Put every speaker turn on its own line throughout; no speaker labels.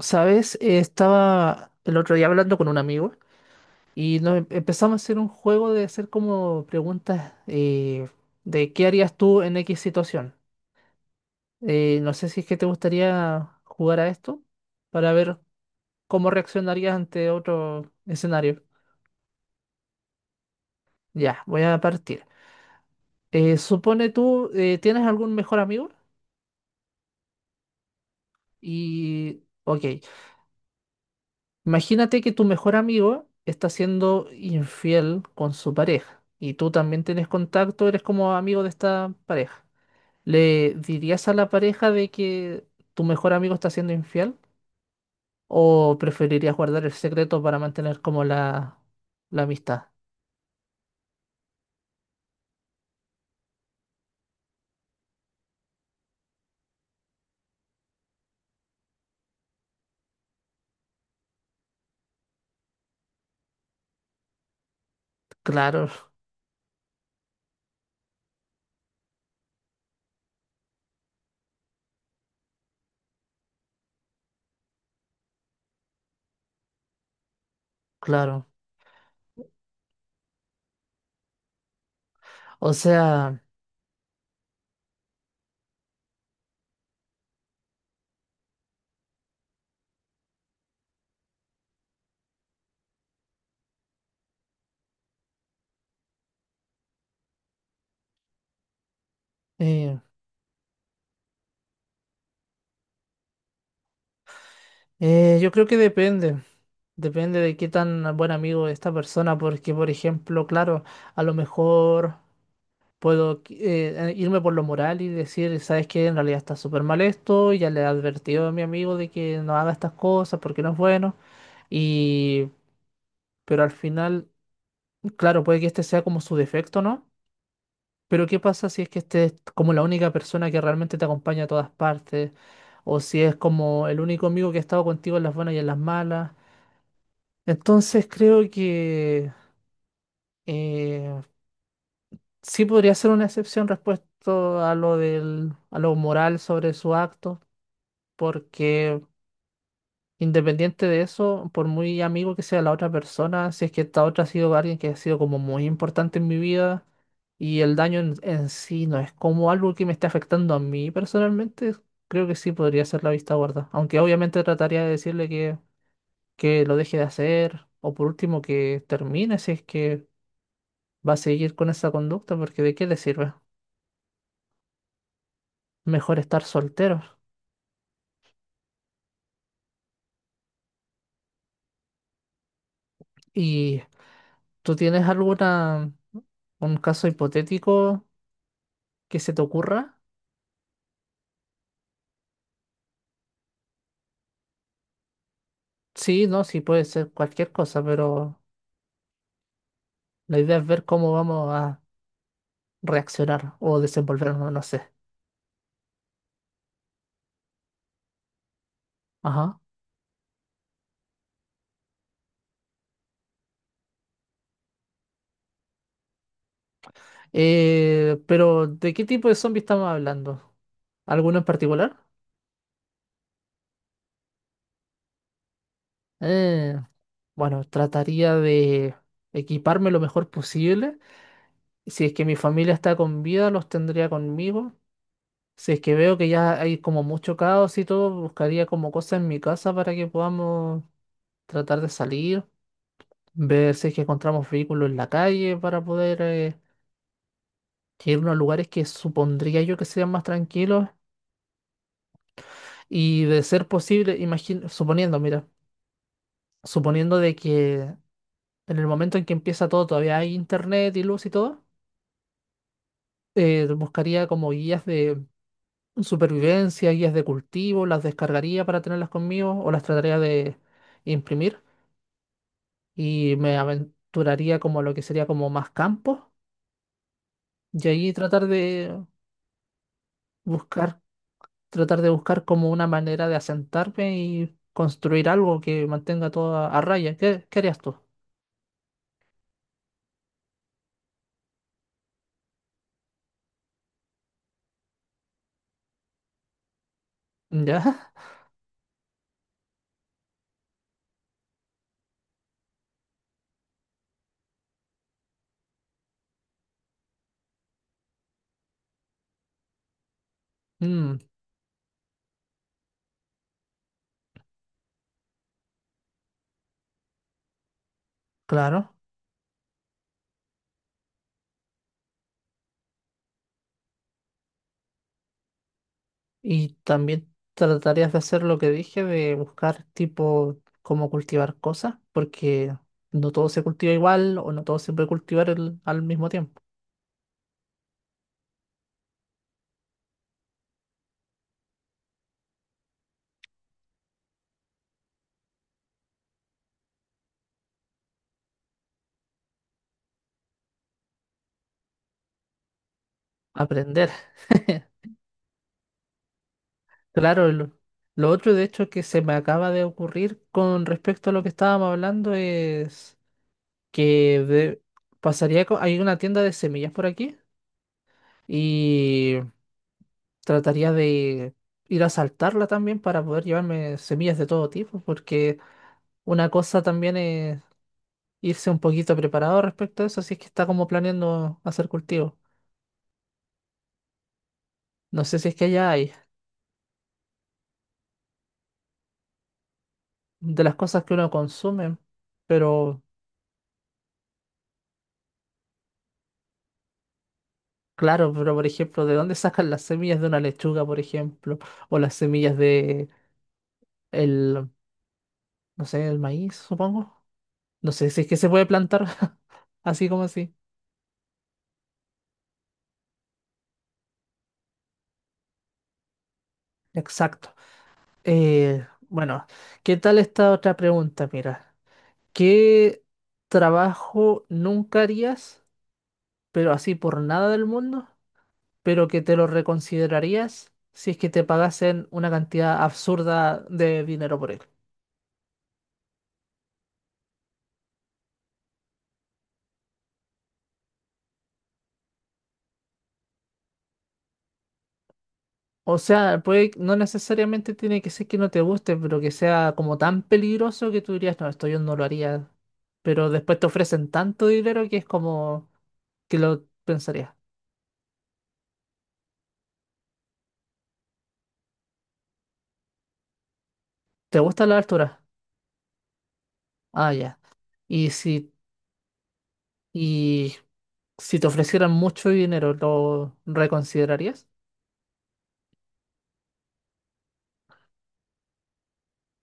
¿Sabes? Estaba el otro día hablando con un amigo y nos empezamos a hacer un juego de hacer como preguntas de qué harías tú en X situación. No sé si es que te gustaría jugar a esto para ver cómo reaccionarías ante otro escenario. Ya, voy a partir. Supone tú, ¿tienes algún mejor amigo? Y, ok. Imagínate que tu mejor amigo está siendo infiel con su pareja y tú también tienes contacto, eres como amigo de esta pareja. ¿Le dirías a la pareja de que tu mejor amigo está siendo infiel o preferirías guardar el secreto para mantener como la amistad? Claro, claro. O sea, eh, yo creo que depende. Depende de qué tan buen amigo es esta persona, porque por ejemplo, claro, a lo mejor... Puedo irme por lo moral y decir, ¿sabes qué? En realidad está súper mal esto, ya le he advertido a mi amigo de que no haga estas cosas porque no es bueno. Y, pero al final, claro, puede que este sea como su defecto, ¿no? Pero ¿qué pasa si es que este es como la única persona que realmente te acompaña a todas partes? O si es como el único amigo que ha estado contigo en las buenas y en las malas. Entonces creo que eh, sí podría ser una excepción respecto a lo del, a lo moral sobre su acto porque independiente de eso, por muy amigo que sea la otra persona, si es que esta otra ha sido alguien que ha sido como muy importante en mi vida y el daño en sí no es como algo que me esté afectando a mí personalmente, creo que sí podría ser la vista gorda, aunque obviamente trataría de decirle que lo deje de hacer o por último que termine si es que va a seguir con esa conducta, porque ¿de qué le sirve? Mejor estar soltero. ¿Y tú tienes alguna, un caso hipotético? Que se te ocurra. Sí, no, sí puede ser cualquier cosa, pero la idea es ver cómo vamos a reaccionar o desenvolvernos, no sé. Ajá. Pero, ¿de qué tipo de zombie estamos hablando? ¿Alguno en particular? Eh, bueno, trataría de equiparme lo mejor posible. Si es que mi familia está con vida, los tendría conmigo. Si es que veo que ya hay como mucho caos y todo, buscaría como cosas en mi casa para que podamos tratar de salir. Ver si es que encontramos vehículos en la calle para poder irnos a lugares que supondría yo que sean más tranquilos y de ser posible, imagino, suponiendo, mira, suponiendo de que en el momento en que empieza todo, todavía hay internet y luz y todo, buscaría como guías de supervivencia, guías de cultivo, las descargaría para tenerlas conmigo o las trataría de imprimir y me aventuraría como a lo que sería como más campo y ahí buscar tratar de buscar como una manera de asentarme y construir algo que mantenga todo a raya. ¿Qué, qué harías tú? ¿Ya? Mm, claro. Y también tratarías de hacer lo que dije, de buscar tipo cómo cultivar cosas, porque no todo se cultiva igual o no todo se puede cultivar al mismo tiempo. Aprender. Claro, lo otro de hecho que se me acaba de ocurrir con respecto a lo que estábamos hablando es que pasaría, hay una tienda de semillas por aquí y trataría de ir a saltarla también para poder llevarme semillas de todo tipo, porque una cosa también es irse un poquito preparado respecto a eso, si es que está como planeando hacer cultivo. No sé si es que allá hay de las cosas que uno consume, pero claro, pero por ejemplo, ¿de dónde sacan las semillas de una lechuga, por ejemplo? O las semillas de el, no sé, el maíz, supongo. No sé si es que se puede plantar así como así. Exacto. Bueno, ¿qué tal esta otra pregunta? Mira, ¿qué trabajo nunca harías, pero así por nada del mundo, pero que te lo reconsiderarías si es que te pagasen una cantidad absurda de dinero por él? O sea, puede, no necesariamente tiene que ser que no te guste, pero que sea como tan peligroso que tú dirías, no, esto yo no lo haría. Pero después te ofrecen tanto dinero que es como... ¿Qué lo pensarías? ¿Te gusta la altura? Ah, ya. Y si, y si te ofrecieran mucho dinero, ¿lo reconsiderarías?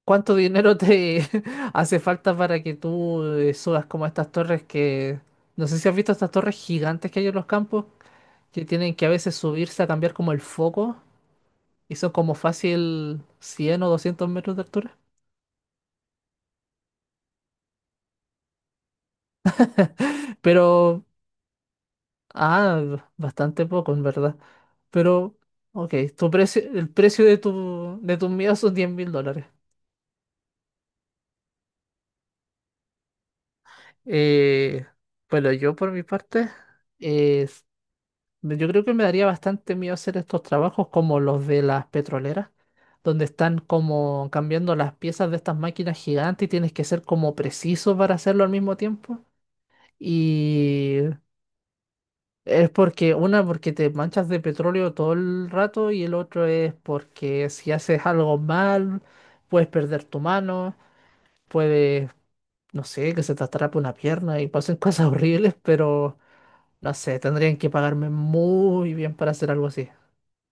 ¿Cuánto dinero te hace falta para que tú subas como estas torres que... No sé si has visto estas torres gigantes que hay en los campos, que tienen que a veces subirse a cambiar como el foco y son como fácil 100 o 200 metros de altura. Pero, ah, bastante poco, en verdad. Pero, ok, tu precio, el precio de tu, de tus miedos son $10.000. Eh, bueno, yo por mi parte, eh, yo creo que me daría bastante miedo hacer estos trabajos como los de las petroleras, donde están como cambiando las piezas de estas máquinas gigantes y tienes que ser como preciso para hacerlo al mismo tiempo. Y es porque, una, porque te manchas de petróleo todo el rato y el otro es porque si haces algo mal, puedes perder tu mano. Puede, no sé, que se te atrape una pierna y pasen cosas horribles, pero no sé, tendrían que pagarme muy bien para hacer algo así.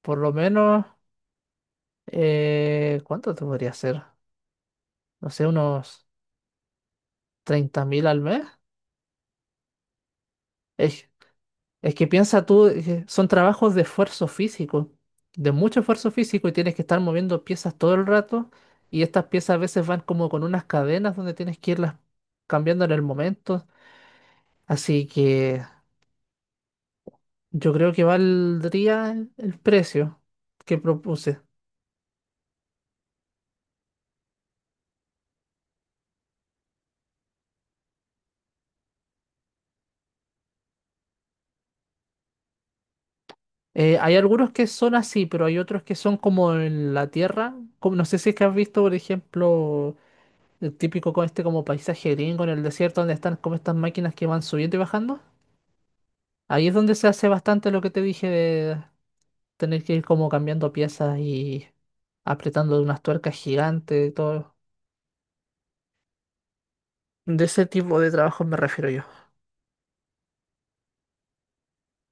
Por lo menos, ¿cuánto te podría hacer? No sé, unos 30.000 al mes. Es, es que piensa tú, son trabajos de esfuerzo físico, de mucho esfuerzo físico y tienes que estar moviendo piezas todo el rato y estas piezas a veces van como con unas cadenas donde tienes que irlas cambiando en el momento. Así que yo creo que valdría el precio que propuse. Hay algunos que son así, pero hay otros que son como en la tierra. Como, no sé si es que has visto, por ejemplo, el típico con este como paisaje gringo en el desierto donde están como estas máquinas que van subiendo y bajando. Ahí es donde se hace bastante lo que te dije de tener que ir como cambiando piezas y apretando unas tuercas gigantes y todo. De ese tipo de trabajo me refiero yo.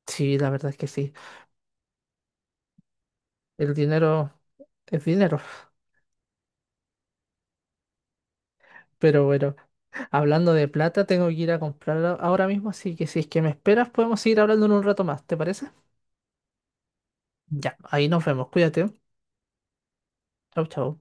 Sí, la verdad es que sí. El dinero es dinero. Pero bueno. Hablando de plata, tengo que ir a comprar ahora mismo, así que si es que me esperas, podemos seguir hablando en un rato más, ¿te parece? Ya, ahí nos vemos, cuídate. Chau, chau.